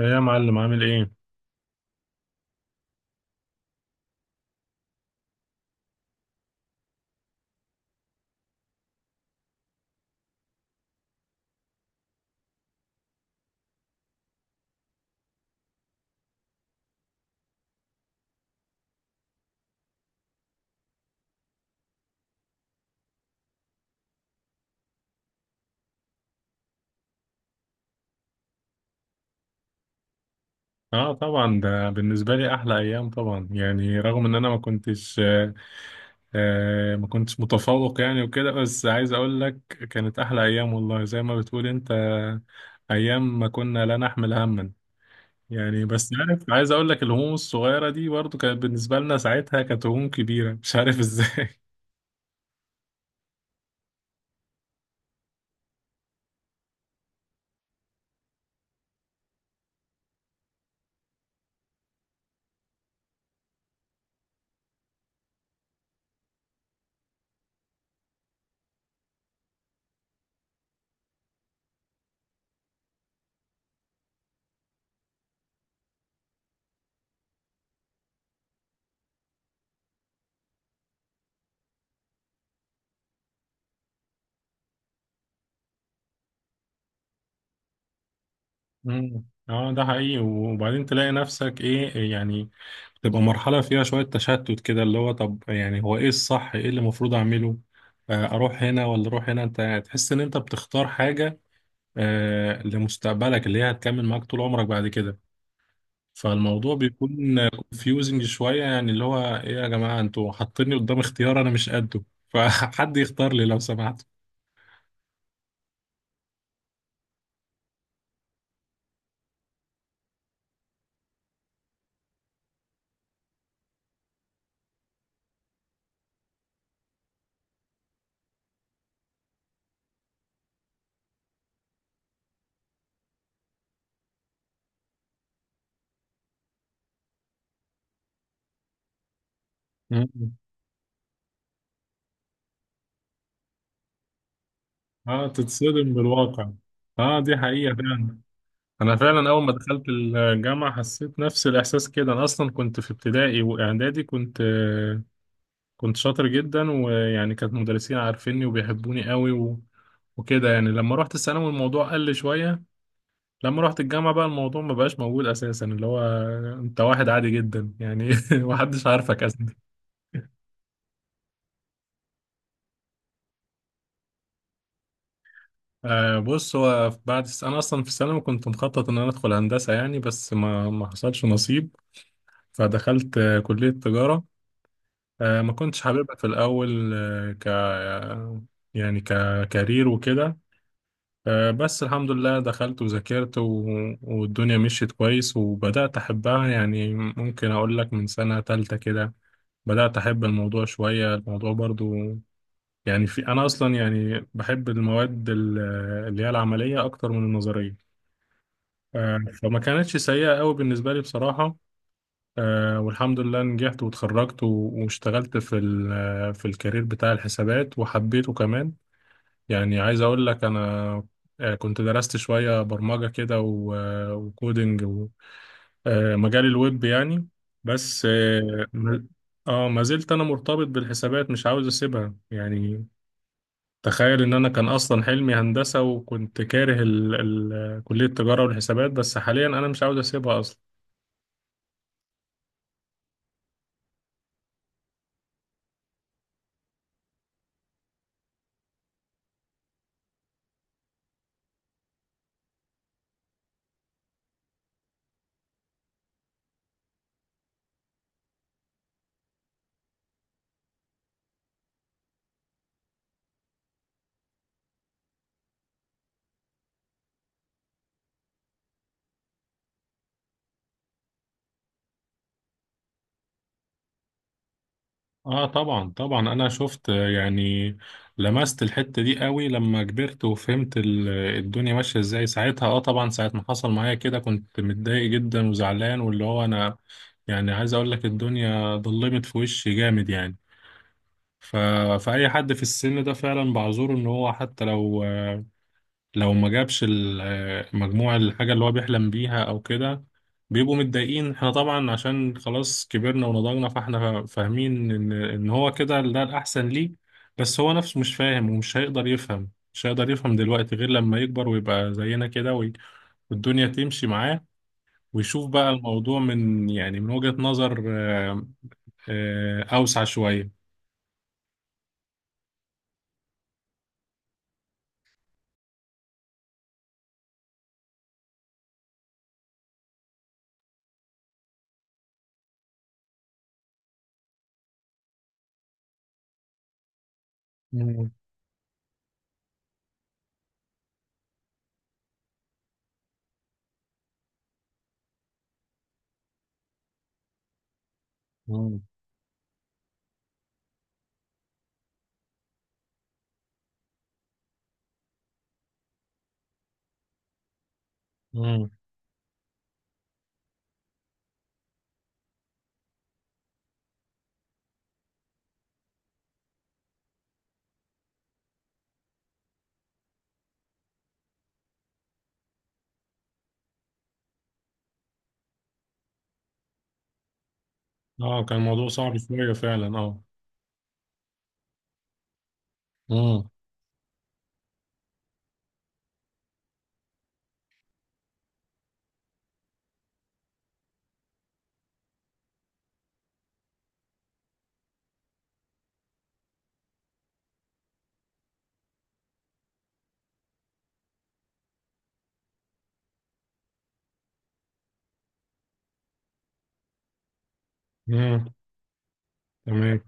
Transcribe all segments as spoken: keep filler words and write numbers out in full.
إيه يا معلم عامل ايه؟ اه طبعا ده بالنسبة لي احلى ايام طبعا يعني رغم ان انا ما كنتش آه آه، ما كنتش متفوق يعني وكده بس عايز اقول لك كانت احلى ايام والله زي ما بتقول انت ايام ما كنا لا نحمل هما. يعني بس عارف عايز اقول لك الهموم الصغيرة دي برضو كانت بالنسبة لنا ساعتها كانت هموم كبيرة مش عارف ازاي. مم. اه ده حقيقي، وبعدين تلاقي نفسك ايه يعني؟ تبقى مرحلة فيها شوية تشتت كده، اللي هو طب يعني هو ايه الصح، ايه اللي المفروض اعمله؟ آه، اروح هنا ولا اروح هنا، انت تحس ان انت بتختار حاجة آه، لمستقبلك اللي هي هتكمل معاك طول عمرك بعد كده، فالموضوع بيكون confusing شوية. يعني اللي هو ايه يا جماعة، انتوا حاطيني قدام اختيار انا مش قده، فحد يختار لي لو سمحت. مم. اه تتصدم بالواقع. اه دي حقيقة فعلا. انا فعلا اول ما دخلت الجامعه حسيت نفس الاحساس كده، انا اصلا كنت في ابتدائي واعدادي كنت كنت شاطر جدا، ويعني كانت مدرسين عارفيني وبيحبوني قوي و... وكده. يعني لما رحت الثانوي الموضوع قل شويه، لما رحت الجامعه بقى الموضوع ما بقاش موجود اساسا، اللي هو انت واحد عادي جدا يعني محدش عارفك اصلا. آه، بص، هو في- بعد الس- انا اصلا في الثانوي كنت مخطط ان انا ادخل هندسه يعني، بس ما ما حصلش نصيب. فدخلت آه، كليه تجاره. آه، ما كنتش حاببها في الأول، آه، ك يعني ككارير وكده. آه، بس الحمد لله دخلت وذاكرت و... والدنيا مشيت كويس، وبدأت أحبها. يعني ممكن أقول لك من سنة تالتة كده بدأت أحب الموضوع شوية، الموضوع برضو يعني في أنا أصلا يعني بحب المواد ال- اللي هي العملية أكتر من النظرية. آه، فما كانتش سيئة قوي بالنسبة لي بصراحة. آه، والحمد لله نجحت واتخرجت و- واشتغلت في ال- في الكارير بتاع الحسابات وحبيته كمان. يعني عايز اقول لك انا آه، كنت درست شوية برمجة كده و- آه، وكودينج ومجال الويب يعني. بس اه ما آه، ما زلت انا مرتبط بالحسابات، مش عاوز اسيبها يعني. تخيل ان انا كان اصلا حلمي هندسة، وكنت كاره ال ال كلية التجارة والحسابات، بس حاليا انا مش عاوز اسيبها. اه طبعا طبعا، انا شفت آه، يعني لمست الحتة دي قوي لما كبرت وفهمت ال- الدنيا ماشية ازاي ساعتها. اه طبعا ساعة ما حصل معايا كده كنت متضايق جدا وزعلان، واللي هو انا يعني عايز اقول لك الدنيا ضلمت في وشي جامد يعني. ف... فأي حد في السن ده فعلا بعذره، ان هو حتى لو لو ما جابش المجموعة، الحاجة اللي هو بيحلم بيها أو كده، بيبقوا متضايقين. احنا طبعا عشان خلاص كبرنا ونضجنا، فاحنا فاهمين إن إن هو كده ده الأحسن ليه، بس هو نفسه مش فاهم ومش هيقدر يفهم، مش هيقدر يفهم دلوقتي غير لما يكبر ويبقى زينا كده وي- والدنيا تمشي معاه، ويشوف بقى الموضوع من يعني من وجهة نظر آه، آه، أوسع شوية. مم. مم. مم. اه كان الموضوع صعب شوية فعلا اه. مم. مم. تمام.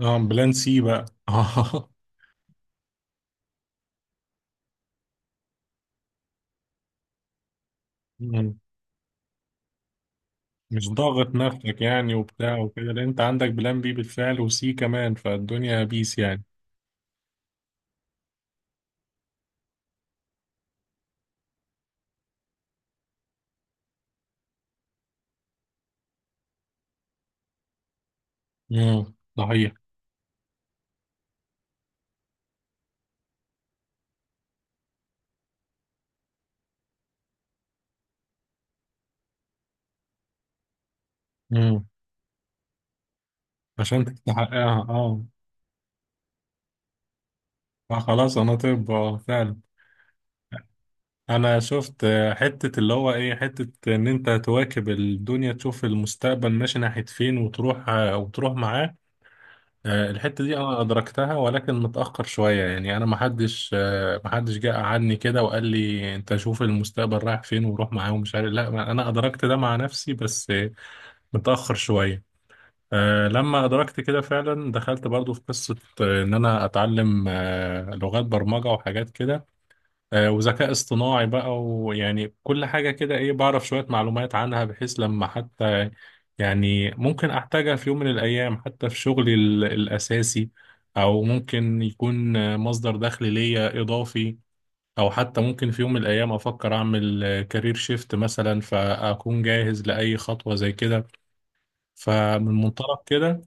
اه بلان سي بقى اه. مم. مش ضاغط نفسك يعني وبتاع وكده، لان انت عندك بلان بي بالفعل وسي كمان، فالدنيا بيس يعني. امم صحيح. امم، عشان تحققها اه. فخلاص انا طب اه فعلا. انا شفت آه، حتة، اللي هو ايه، حتة ان انت تواكب الدنيا، تشوف المستقبل ماشي ناحية فين وتروح آه، وتروح معاه. آه، الحتة دي أنا أدركتها ولكن متأخر شوية يعني، أنا محدش آه، محدش جه قعدني كده وقال لي أنت شوف المستقبل رايح فين وروح معاه ومش عارف، لا ما- أنا أدركت ده مع نفسي بس آه، متأخر شوية. آه، لما أدركت كده فعلا دخلت برضو في قصة آه، إن أنا أتعلم آه، لغات برمجة وحاجات كده آه، وذكاء اصطناعي بقى، ويعني كل حاجة كده ايه، بعرف شوية معلومات عنها بحيث لما حتى يعني ممكن احتاجها في يوم من الايام، حتى في شغلي ال- الاساسي، او ممكن يكون آه، مصدر دخل ليا اضافي، او حتى ممكن في يوم من الايام افكر اعمل كارير شيفت مثلا، فاكون جاهز لاي خطوة زي كده. فمن منطلق كده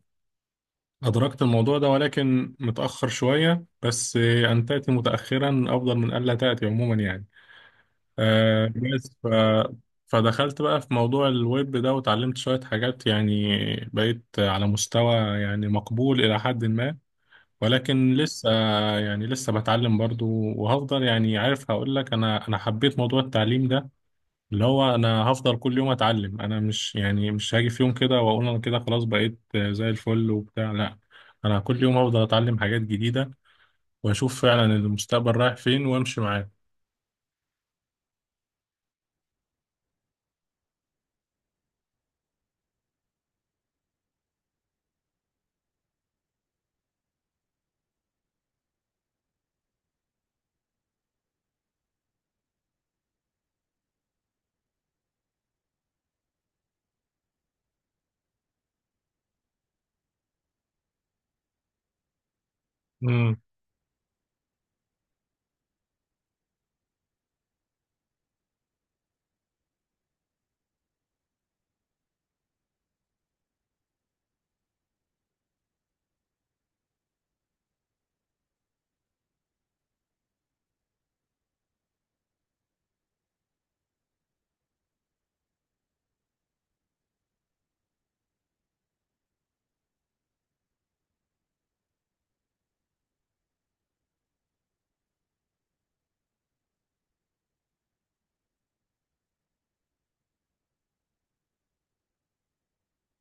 أدركت الموضوع ده، ولكن متأخر شوية. بس آه، أن تأتي متأخرا أفضل من ألا تأتي عموما يعني. آه بس ف... فدخلت بقى في موضوع الويب ده وتعلمت شوية حاجات يعني، بقيت على مستوى يعني مقبول إلى حد ما، ولكن لسه يعني لسه بتعلم برضو. وهفضل، يعني عارف هقول لك، أنا أنا حبيت موضوع التعليم ده، اللي هو أنا هفضل كل يوم أتعلم. أنا مش يعني مش هاجي في يوم كده وأقول أنا كده خلاص بقيت زي الفل وبتاع، لا، أنا كل يوم هفضل أتعلم حاجات جديدة، وأشوف فعلا المستقبل رايح فين وأمشي معاه.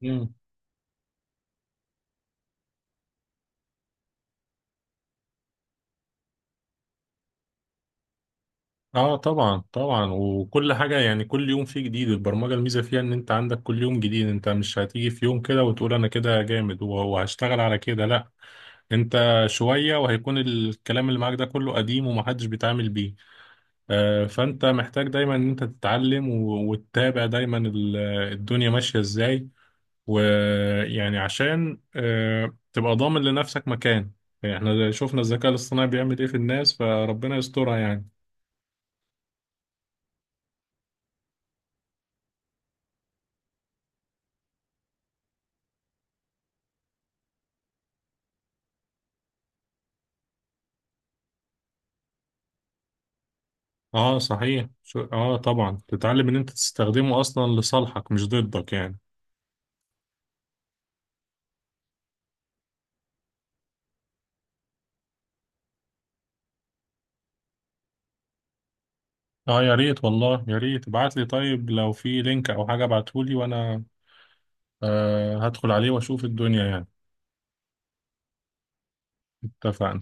امم. اه طبعا طبعا، وكل حاجة يعني كل يوم فيه جديد. البرمجة الميزة فيها ان انت عندك كل يوم جديد، انت مش هتيجي في يوم كده وتقول انا كده جامد وهشتغل على كده، لا، انت شوية وهيكون الكلام اللي معاك ده كله قديم ومحدش بيتعامل بيه. آه فانت محتاج دايما ان انت تتعلم و- وتتابع دايما ال- الدنيا ماشية ازاي، ويعني عشان آه تبقى ضامن لنفسك مكان. يعني احنا شفنا الذكاء الاصطناعي بيعمل ايه في الناس، فربنا يسترها يعني. اه صحيح، شو اه طبعا، تتعلم ان انت تستخدمه اصلا لصالحك مش ضدك يعني. اه يا ريت والله، يا ريت ابعت لي، طيب لو في لينك او حاجة ابعتهولي وانا آه هدخل عليه واشوف الدنيا يعني. اتفقنا.